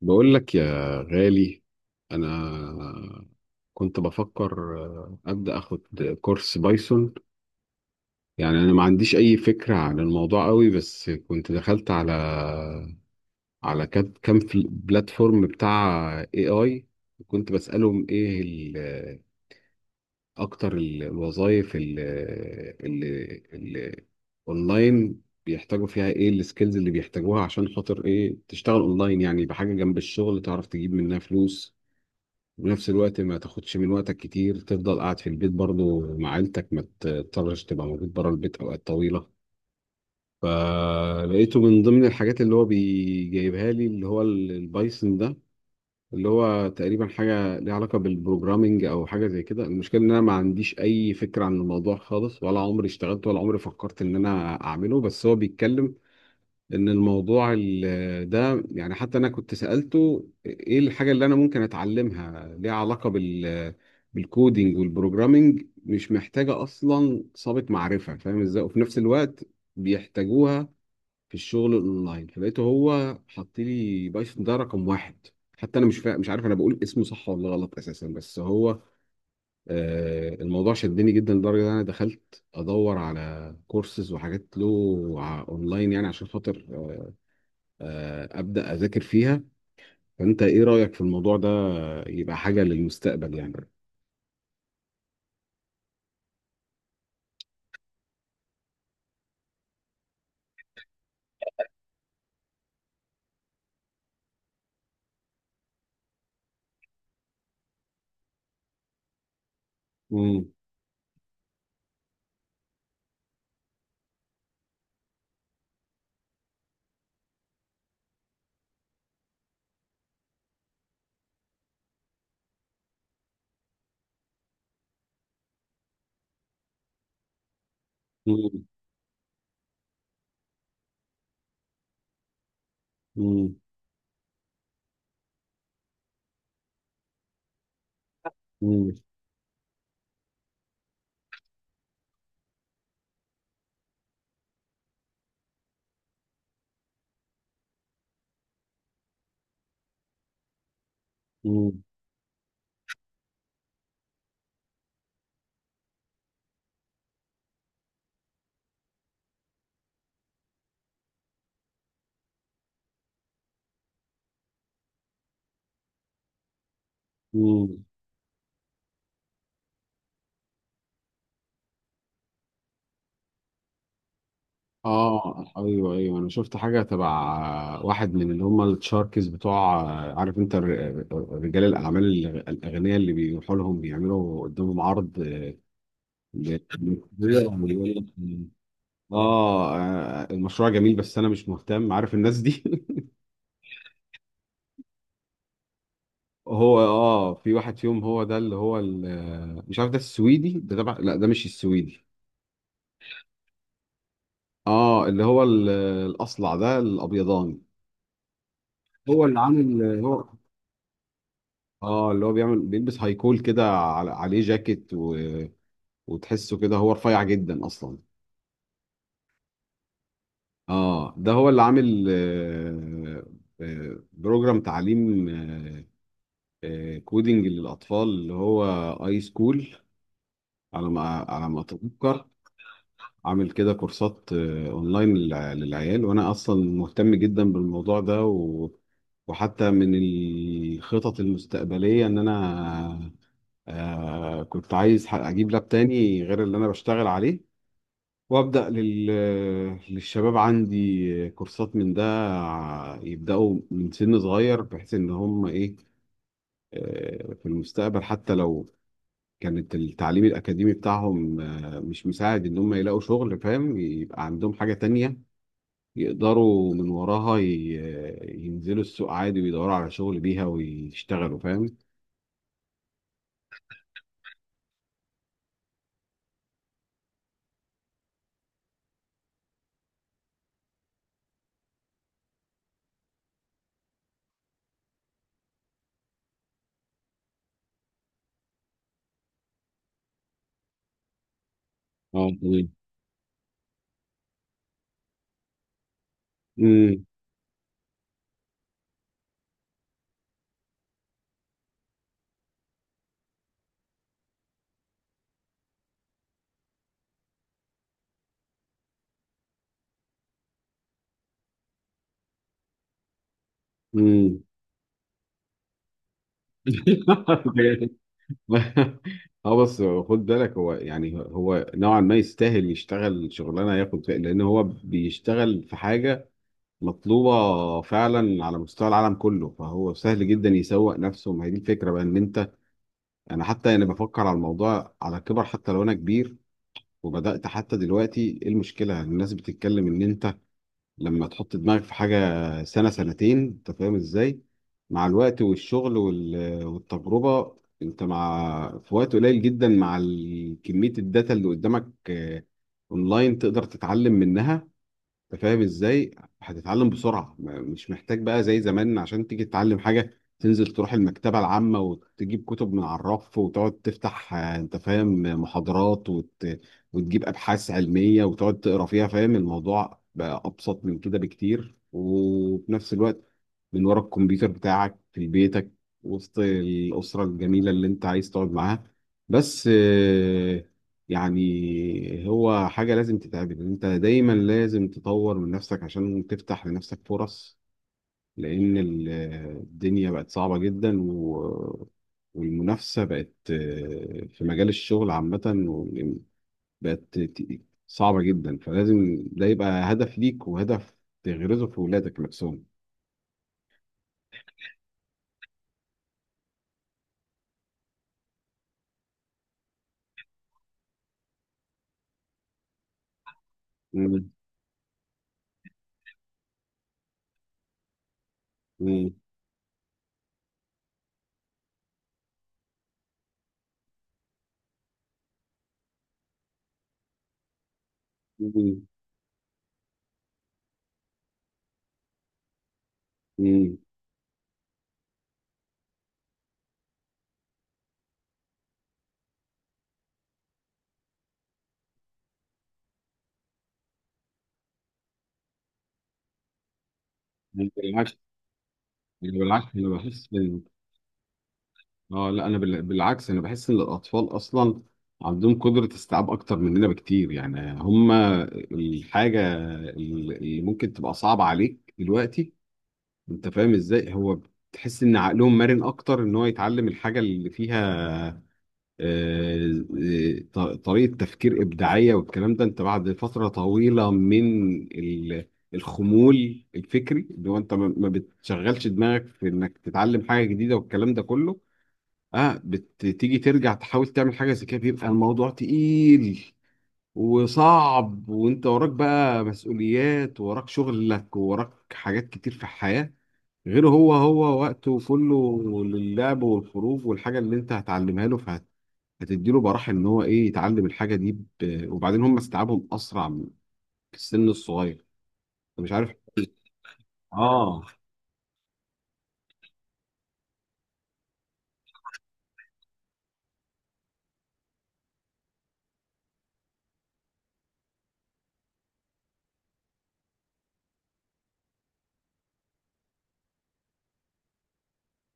بقول لك يا غالي. انا كنت بفكر ابدا اخد كورس بايثون. يعني انا ما عنديش اي فكره عن الموضوع قوي، بس كنت دخلت على بلاتفورم بتاع اي اي. وكنت بسالهم ايه اكتر الوظائف اللي اونلاين بيحتاجوا فيها، ايه السكيلز اللي بيحتاجوها عشان خاطر ايه تشتغل اونلاين؟ يعني بحاجه جنب الشغل تعرف تجيب منها فلوس، وفي نفس الوقت ما تاخدش من وقتك كتير، تفضل قاعد في البيت برضو مع عيلتك، ما تضطرش تبقى موجود بره البيت اوقات طويله. فلقيته من ضمن الحاجات اللي هو بيجيبها لي، اللي هو البايثون ده، اللي هو تقريبا حاجه ليها علاقه بالبروجرامينج او حاجه زي كده. المشكله ان انا ما عنديش اي فكره عن الموضوع خالص، ولا عمري اشتغلت ولا عمري فكرت ان انا اعمله، بس هو بيتكلم ان الموضوع ده، يعني حتى انا كنت سألته ايه الحاجة اللي انا ممكن اتعلمها ليها علاقة بالكودينج والبروجرامينج، مش محتاجة اصلا سابق معرفة، فاهم ازاي؟ وفي نفس الوقت بيحتاجوها في الشغل الاونلاين. فلقيته هو حط لي بايثون ده رقم واحد. حتى انا مش عارف انا بقول اسمه صح ولا غلط اساسا، بس هو الموضوع شدني جدا لدرجة ان انا دخلت ادور على كورسز وحاجات له، اونلاين، يعني عشان خاطر ابدا اذاكر فيها. فانت ايه رايك في الموضوع ده؟ يبقى حاجه للمستقبل يعني؟ مم. مم. مم. مم. مم. مم. اه، ايوه، ايوه، انا شفت حاجه تبع واحد من اللي هم التشاركس بتوع. عارف انت رجال الاعمال الاغنياء اللي بيروحوا لهم بيعملوا قدامهم عرض ل- ويقول لك اه، المشروع جميل بس انا مش مهتم، عارف الناس دي. هو اه في واحد فيهم هو ده اللي هو مش عارف ده السويدي ده تبع، لا ده مش السويدي. اه اللي هو الاصلع ده الابيضاني. هو اللي عامل، هو اه اللي هو بيعمل بيلبس هايكول كده عليه جاكيت وتحسه كده، هو رفيع جدا اصلا. اه ده هو اللي عامل بروجرام تعليم كودينج للاطفال اللي هو اي سكول، على ما على ما اتذكر. عامل كده كورسات اونلاين للعيال، وانا اصلا مهتم جدا بالموضوع ده وحتى من الخطط المستقبلية ان انا كنت عايز اجيب لاب تاني غير اللي انا بشتغل عليه، وابدا للشباب عندي كورسات من ده، يبداوا من سن صغير بحيث ان هم ايه في المستقبل، حتى لو كانت التعليم الأكاديمي بتاعهم مش مساعد إن هم يلاقوا شغل، فاهم؟ يبقى عندهم حاجة تانية يقدروا من وراها ينزلوا السوق عادي ويدوروا على شغل بيها ويشتغلوا، فاهم؟ اه تمام. امم. امم. اه بس خد بالك، هو يعني هو نوعا ما يستاهل يشتغل شغلانه ياخد فيها، لان هو بيشتغل في حاجه مطلوبه فعلا على مستوى العالم كله. فهو سهل جدا يسوق نفسه، ما هي دي الفكره بقى ان انت، انا حتى انا بفكر على الموضوع على كبر حتى لو انا كبير. وبدات حتى دلوقتي، ايه المشكله؟ الناس بتتكلم ان انت لما تحط دماغك في حاجة سنة سنتين، انت فاهم ازاي؟ مع الوقت والشغل والتجربة، انت مع في وقت قليل جدا مع كمية الداتا اللي قدامك آه، اونلاين تقدر تتعلم منها، انت فاهم ازاي؟ هتتعلم بسرعه، مش محتاج بقى زي زمان عشان تيجي تتعلم حاجه تنزل تروح المكتبه العامه وتجيب كتب من على الرف وتقعد تفتح انت فاهم محاضرات وتجيب ابحاث علميه وتقعد تقرا فيها، فاهم؟ الموضوع بقى ابسط من كده بكتير، وفي نفس الوقت من ورا الكمبيوتر بتاعك في بيتك، وسط الاسره الجميله اللي انت عايز تقعد معاها. بس يعني هو حاجة لازم تتعمل، انت دايما لازم تطور من نفسك عشان تفتح لنفسك فرص. لان الدنيا بقت صعبة جدا والمنافسة بقت في مجال الشغل عامة بقت صعبة جدا. فلازم ده يبقى هدف ليك، وهدف تغرزه في ولادك نفسهم. مم. مم. مم. مم. بالعكس، أنا بالعكس، أنا بحس، اه لا انا بالعكس انا بحس ان الاطفال اصلا عندهم قدره استيعاب اكتر مننا بكتير، يعني هم الحاجه اللي ممكن تبقى صعبه عليك دلوقتي، انت فاهم ازاي، هو تحس ان عقلهم مرن اكتر ان هو يتعلم الحاجه اللي فيها آه، آه، ط- طريقه تفكير ابداعيه والكلام ده، انت بعد فتره طويله من الخمول الفكري اللي هو انت ما ما بتشغلش دماغك في انك تتعلم حاجه جديده والكلام ده كله، اه بتيجي ترجع تحاول تعمل حاجه زي كده بيبقى الموضوع تقيل وصعب، وانت وراك بقى مسؤوليات، وراك شغلك، وراك حاجات كتير في الحياه. غير هو، هو وقته كله للعب والخروج والحاجه اللي انت هتعلمها له، فهتديله براح ان هو ايه يتعلم الحاجه دي. وبعدين هم استيعابهم اسرع في السن الصغير. أنا مش عارف. اه.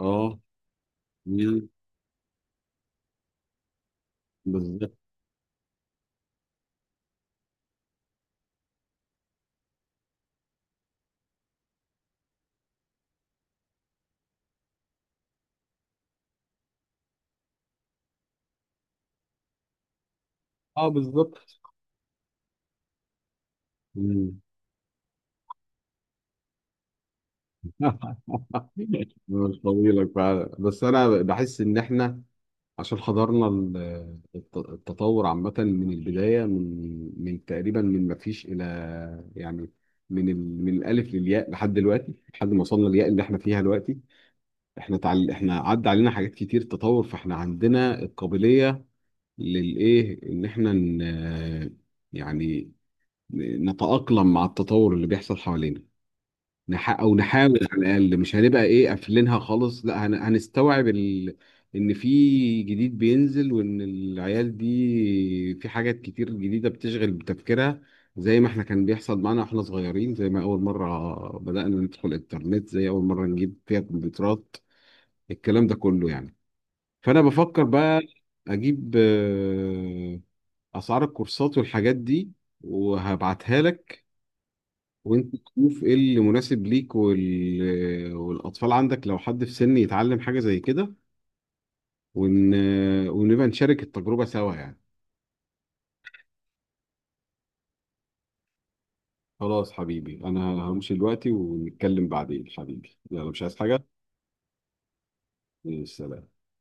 اه. مم، بالظبط. اه، بالظبط. مش طويلة فعلا، بس انا بحس ان احنا عشان حضرنا التطور عامة من البداية، من من تقريبا من ما فيش الى، يعني من الالف للياء لحد دلوقتي، لحد ما وصلنا للياء اللي احنا فيها دلوقتي. احنا عدى علينا حاجات كتير تطور، فاحنا عندنا القابلية للايه ان احنا يعني نتأقلم مع التطور اللي بيحصل حوالينا، او نحاول على الاقل. مش هنبقى ايه قافلينها خالص، لا هنستوعب ان في جديد بينزل، وان العيال دي في حاجات كتير جديده بتشغل بتفكيرها، زي ما احنا كان بيحصل معانا واحنا صغيرين، زي ما اول مره بدانا ندخل الانترنت، زي اول مره نجيب فيها كمبيوترات، الكلام ده كله يعني. فانا بفكر بقى اجيب اسعار الكورسات والحاجات دي وهبعتها لك، وانت تشوف ايه اللي مناسب ليك، والاطفال عندك لو حد في سن يتعلم حاجه زي كده، ون... ونبقى نشارك التجربه سوا يعني. خلاص حبيبي، انا همشي دلوقتي ونتكلم بعدين حبيبي، يلا مش عايز حاجه. سلام.